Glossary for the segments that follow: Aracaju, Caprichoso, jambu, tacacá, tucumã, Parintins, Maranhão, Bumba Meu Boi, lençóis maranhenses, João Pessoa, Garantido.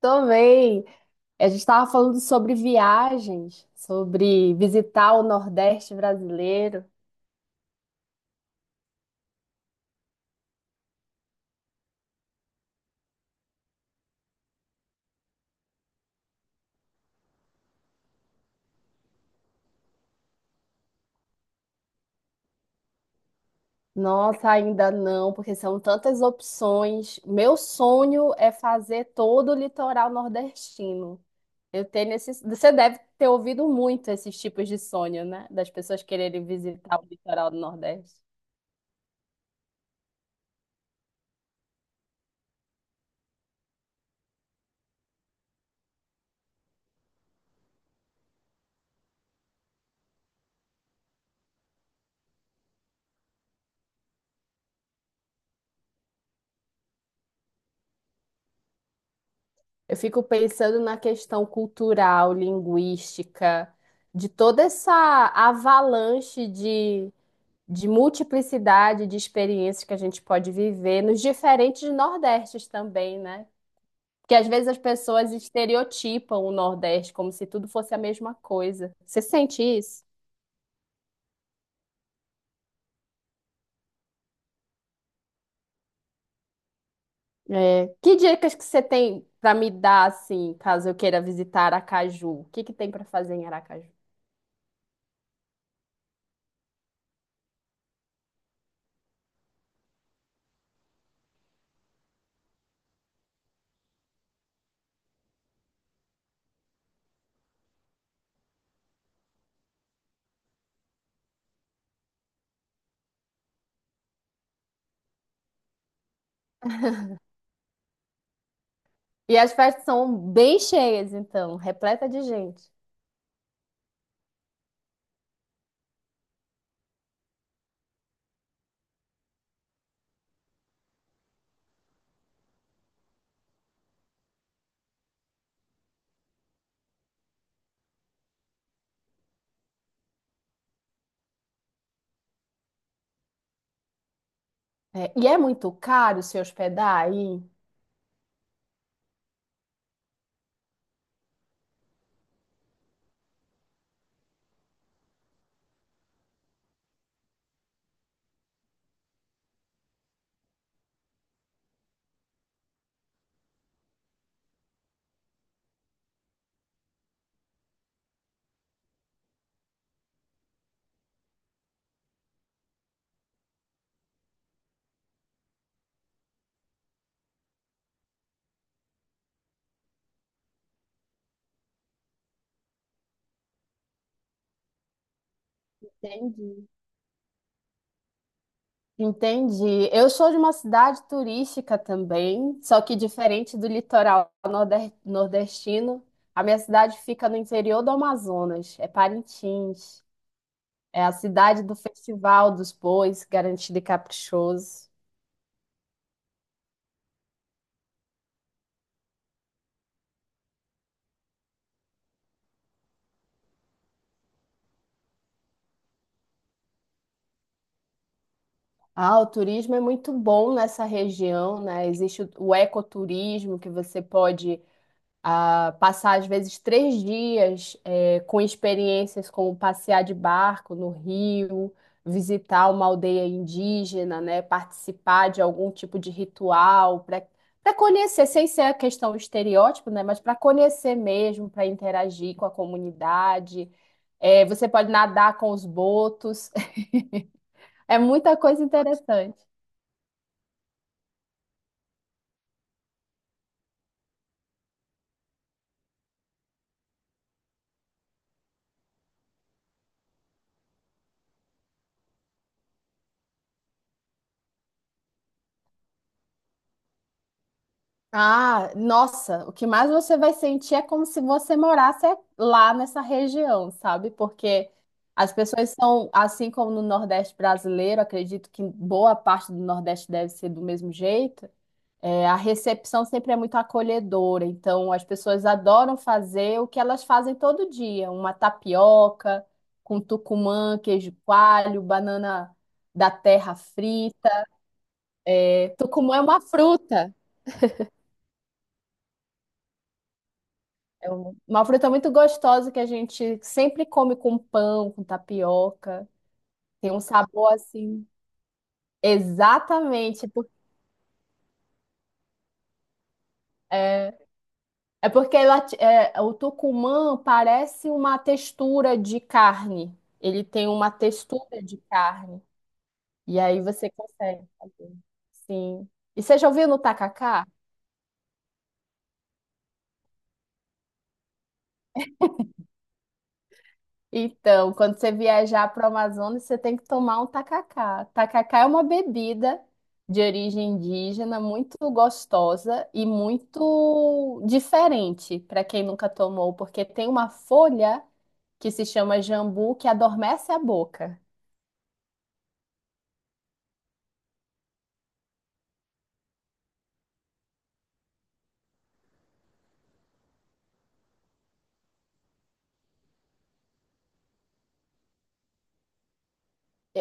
Também, a gente estava falando sobre viagens, sobre visitar o Nordeste brasileiro. Nossa, ainda não, porque são tantas opções. Meu sonho é fazer todo o litoral nordestino. Eu tenho esse... Você deve ter ouvido muito esses tipos de sonho, né? Das pessoas quererem visitar o litoral do Nordeste. Eu fico pensando na questão cultural, linguística, de toda essa avalanche de multiplicidade de experiências que a gente pode viver nos diferentes Nordestes também, né? Porque às vezes as pessoas estereotipam o Nordeste como se tudo fosse a mesma coisa. Você sente isso? É. Que dicas que você tem para me dar, assim, caso eu queira visitar Aracaju? O que que tem para fazer em Aracaju? E as festas são bem cheias, então, repleta de gente. É, e é muito caro se hospedar aí? Entendi. Entendi. Eu sou de uma cidade turística também, só que diferente do litoral nordestino, a minha cidade fica no interior do Amazonas, é Parintins. É a cidade do Festival dos Bois, Garantido e Caprichoso. Ah, o turismo é muito bom nessa região, né? Existe o ecoturismo, que você pode a passar às vezes 3 dias com experiências como passear de barco no rio, visitar uma aldeia indígena, né, participar de algum tipo de ritual para conhecer, sem ser a questão estereótipo, né, mas para conhecer mesmo, para interagir com a comunidade. Você pode nadar com os botos. É muita coisa interessante. Ah, nossa, o que mais você vai sentir é como se você morasse lá nessa região, sabe? Porque as pessoas são, assim como no Nordeste brasileiro, acredito que boa parte do Nordeste deve ser do mesmo jeito. É, a recepção sempre é muito acolhedora, então as pessoas adoram fazer o que elas fazem todo dia, uma tapioca com tucumã, queijo coalho, banana da terra frita. Tucumã é uma fruta. Uma fruta muito gostosa que a gente sempre come com pão, com tapioca. Tem um sabor assim. Exatamente. É, é porque o tucumã parece uma textura de carne. Ele tem uma textura de carne. E aí você consegue fazer. Sim. E você já ouviu no tacacá? Então, quando você viajar para o Amazonas, você tem que tomar um tacacá. Tacacá é uma bebida de origem indígena muito gostosa e muito diferente para quem nunca tomou, porque tem uma folha que se chama jambu que adormece a boca.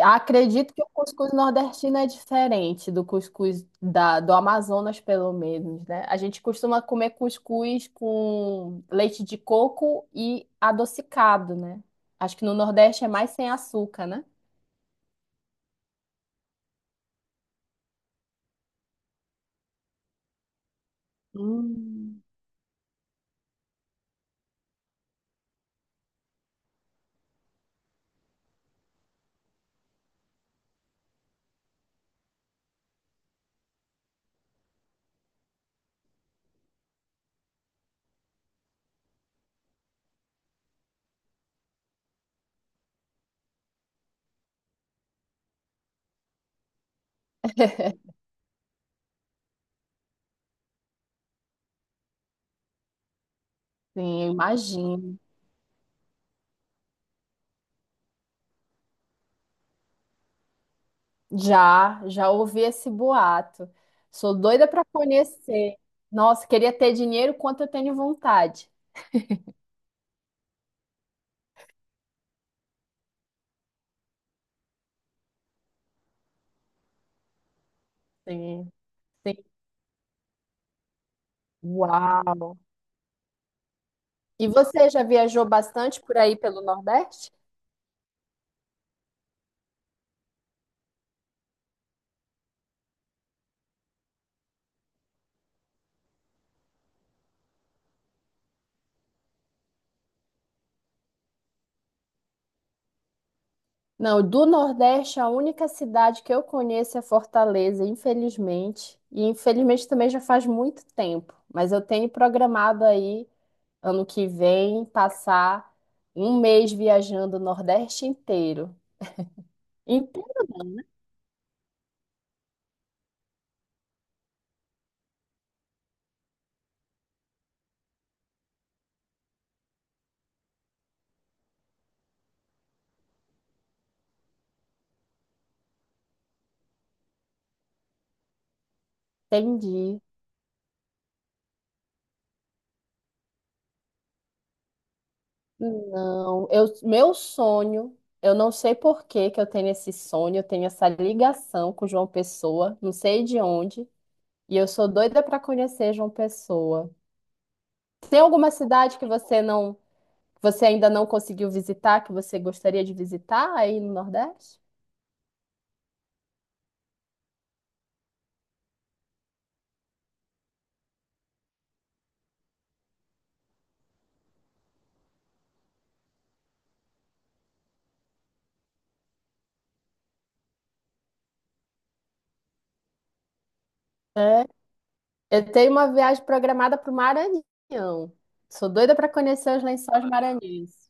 Acredito que o cuscuz nordestino é diferente do cuscuz do Amazonas, pelo menos, né? A gente costuma comer cuscuz com leite de coco e adocicado, né? Acho que no Nordeste é mais sem açúcar, né? Hum. Sim, eu imagino. Já, já ouvi esse boato. Sou doida para conhecer. Nossa, queria ter dinheiro quanto eu tenho vontade. Sim, sim. Uau! E você já viajou bastante por aí pelo Nordeste? Não, do Nordeste, a única cidade que eu conheço é Fortaleza, infelizmente. E infelizmente também já faz muito tempo. Mas eu tenho programado aí, ano que vem, passar um mês viajando o Nordeste inteiro. Entendi. Não, eu, meu sonho, eu não sei por que que eu tenho esse sonho, eu tenho essa ligação com João Pessoa, não sei de onde. E eu sou doida para conhecer João Pessoa. Tem alguma cidade que você não, que você ainda não conseguiu visitar, que você gostaria de visitar aí no Nordeste? É. Eu tenho uma viagem programada para o Maranhão. Sou doida para conhecer os lençóis maranhenses.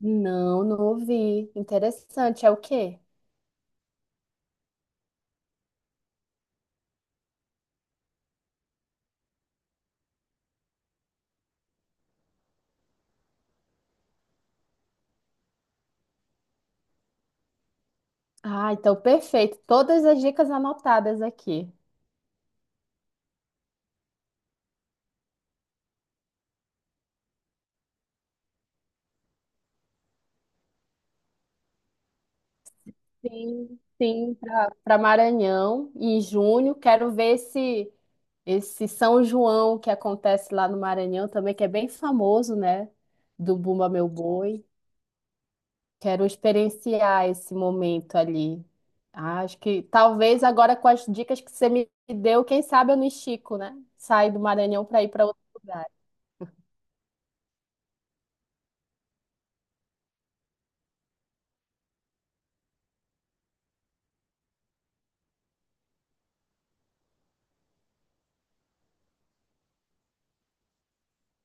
Não, não ouvi. Interessante. É o quê? Ah, então perfeito. Todas as dicas anotadas aqui. Sim, sim, para Maranhão em junho. Quero ver esse, esse São João que acontece lá no Maranhão também, que é bem famoso, né? Do Bumba Meu Boi. Quero experienciar esse momento ali. Ah, acho que talvez agora com as dicas que você me deu, quem sabe eu não estico, né? Saio do Maranhão para ir para outro lugar.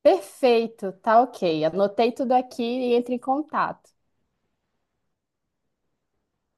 Perfeito, tá ok. Anotei tudo aqui e entre em contato.